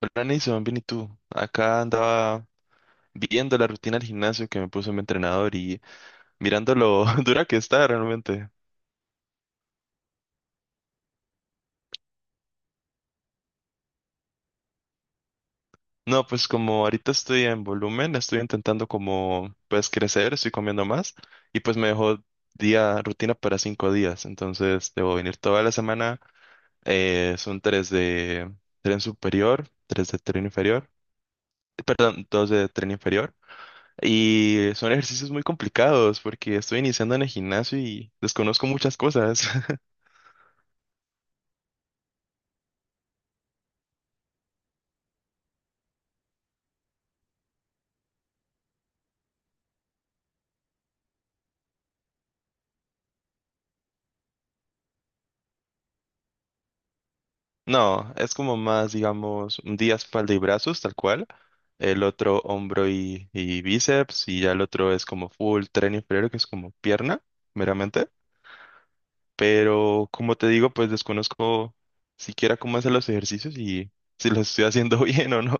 Hola Nason, bien y tú. Acá andaba viendo la rutina del gimnasio que me puso mi entrenador y mirando lo dura que está realmente. No, pues como ahorita estoy en volumen, estoy intentando como pues crecer, estoy comiendo más y pues me dejó día rutina para 5 días. Entonces debo venir toda la semana. Son tres de tren superior, tres de tren inferior, perdón, dos de tren inferior. Y son ejercicios muy complicados porque estoy iniciando en el gimnasio y desconozco muchas cosas. No, es como más, digamos, un día espalda y brazos, tal cual. El otro hombro y bíceps y ya el otro es como full tren inferior, que es como pierna, meramente. Pero como te digo, pues desconozco siquiera cómo hacer los ejercicios y si los estoy haciendo bien o no.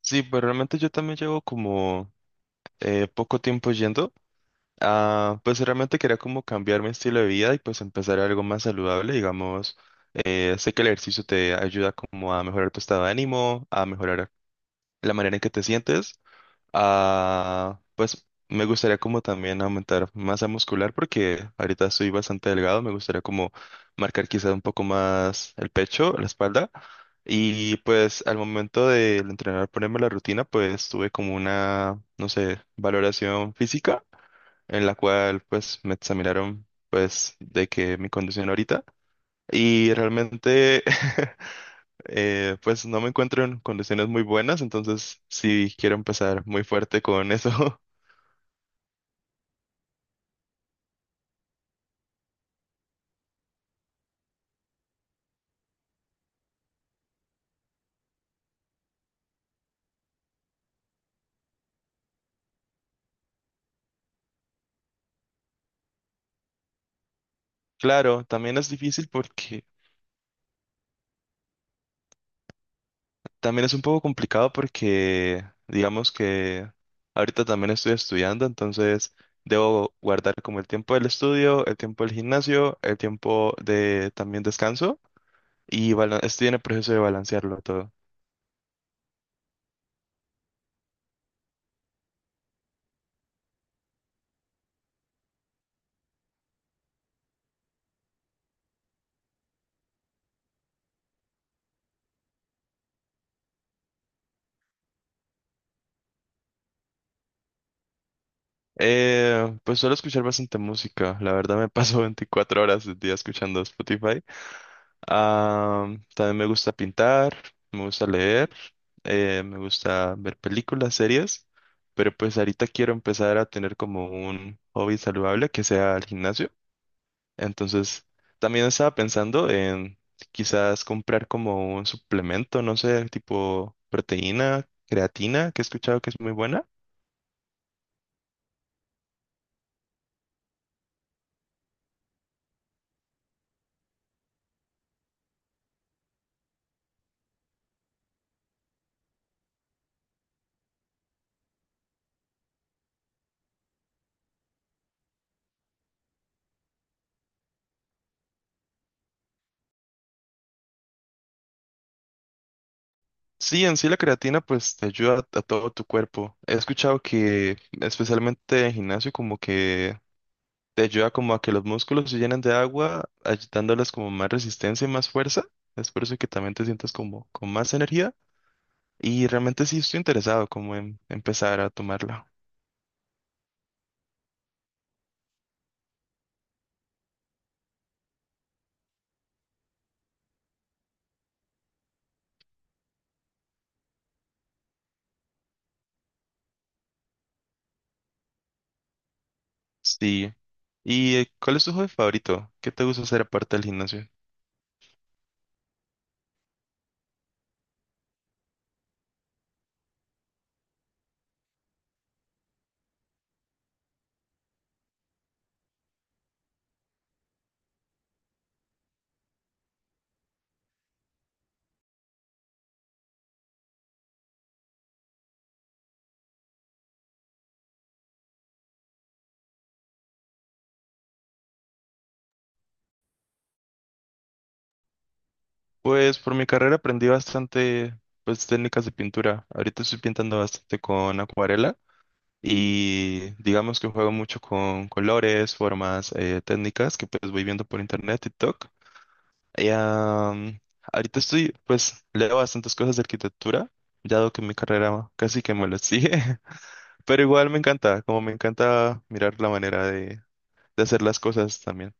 Sí, pero realmente yo también llevo como poco tiempo yendo. Ah, pues realmente quería como cambiar mi estilo de vida y pues empezar algo más saludable, digamos. Sé que el ejercicio te ayuda como a mejorar tu estado de ánimo, a mejorar la manera en que te sientes. Ah, pues me gustaría como también aumentar masa muscular porque ahorita estoy bastante delgado, me gustaría como marcar quizás un poco más el pecho, la espalda. Y pues al momento de entrenar, ponerme la rutina, pues tuve como una, no sé, valoración física en la cual pues me examinaron pues de que mi condición ahorita y realmente pues no me encuentro en condiciones muy buenas, entonces sí quiero empezar muy fuerte con eso. Claro, también es difícil porque también es un poco complicado porque digamos que ahorita también estoy estudiando, entonces debo guardar como el tiempo del estudio, el tiempo del gimnasio, el tiempo de también descanso y estoy en el proceso de balancearlo todo. Pues suelo escuchar bastante música. La verdad me paso 24 horas del día escuchando Spotify. Ah, también me gusta pintar, me gusta leer, me gusta ver películas, series. Pero pues ahorita quiero empezar a tener como un hobby saludable que sea el gimnasio. Entonces también estaba pensando en quizás comprar como un suplemento, no sé, tipo proteína, creatina, que he escuchado que es muy buena. Sí, en sí la creatina pues te ayuda a todo tu cuerpo. He escuchado que especialmente en gimnasio como que te ayuda como a que los músculos se llenen de agua, dándoles como más resistencia y más fuerza. Es por eso que también te sientes como con más energía. Y realmente sí estoy interesado como en empezar a tomarla. Sí. ¿Y cuál es tu hobby favorito? ¿Qué te gusta hacer aparte del gimnasio? Pues por mi carrera aprendí bastante pues técnicas de pintura. Ahorita estoy pintando bastante con acuarela. Y digamos que juego mucho con colores, formas, técnicas que pues voy viendo por internet, TikTok. Y, ahorita estoy, pues leo bastantes cosas de arquitectura, dado que mi carrera casi que me lo sigue. Pero igual me encanta, como me encanta mirar la manera de hacer las cosas también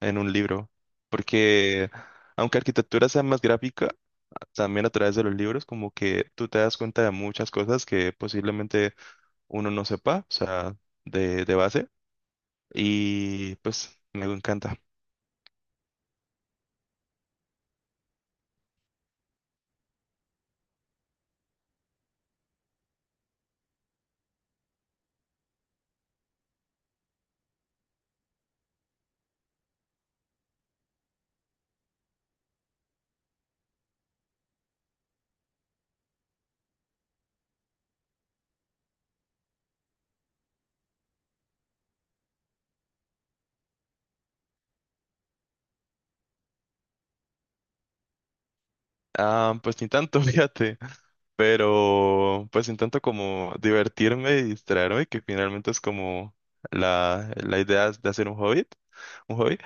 en un libro. Porque aunque arquitectura sea más gráfica, también a través de los libros, como que tú te das cuenta de muchas cosas que posiblemente uno no sepa, o sea, de base. Y pues me encanta. Ah, pues ni tanto, fíjate, pero pues ni tanto como divertirme y distraerme, que finalmente es como la idea de hacer un hobby,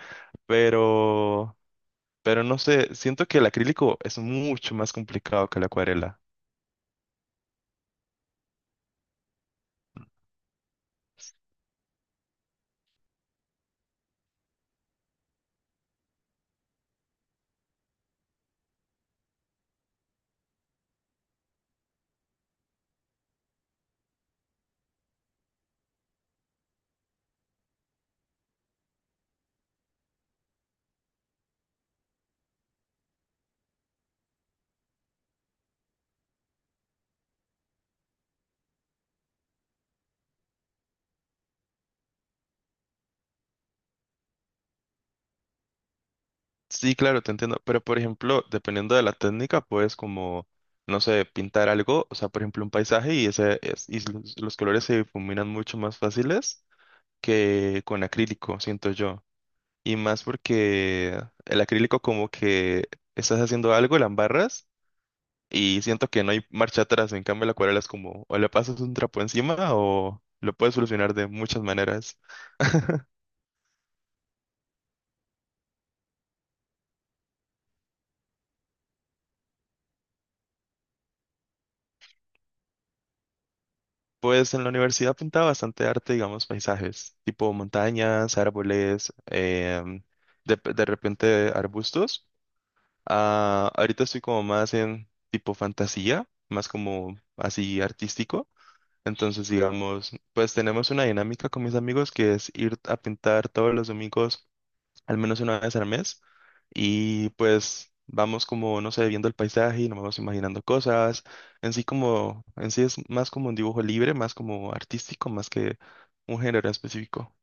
pero, pero no sé, siento que el acrílico es mucho más complicado que la acuarela. Sí, claro, te entiendo. Pero, por ejemplo, dependiendo de la técnica, puedes como, no sé, pintar algo, o sea, por ejemplo, un paisaje y, y los colores se difuminan mucho más fáciles que con acrílico, siento yo. Y más porque el acrílico como que estás haciendo algo, la embarras y siento que no hay marcha atrás. En cambio, la acuarela es como, o le pasas un trapo encima o lo puedes solucionar de muchas maneras. Pues en la universidad pintaba bastante arte, digamos, paisajes, tipo montañas, árboles, de repente arbustos. Ah, ahorita estoy como más en tipo fantasía, más como así artístico. Entonces, digamos, pues tenemos una dinámica con mis amigos que es ir a pintar todos los domingos al menos una vez al mes. Y pues vamos como, no sé, viendo el paisaje y nos vamos imaginando cosas. En sí como, en sí es más como un dibujo libre, más como artístico, más que un género específico.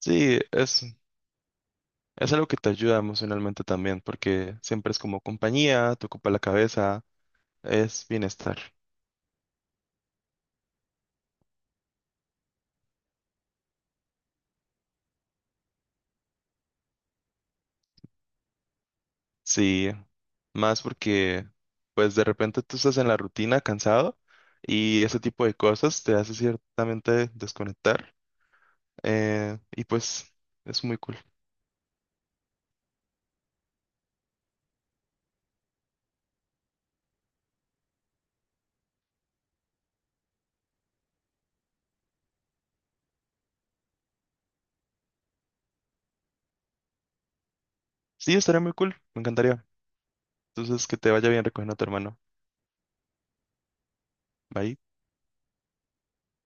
Sí, es algo que te ayuda emocionalmente también, porque siempre es como compañía, te ocupa la cabeza, es bienestar. Sí, más porque pues de repente tú estás en la rutina cansado y ese tipo de cosas te hace ciertamente desconectar. Y pues es muy cool. Sí, estaría muy cool, me encantaría. Entonces, que te vaya bien recogiendo a tu hermano. Bye.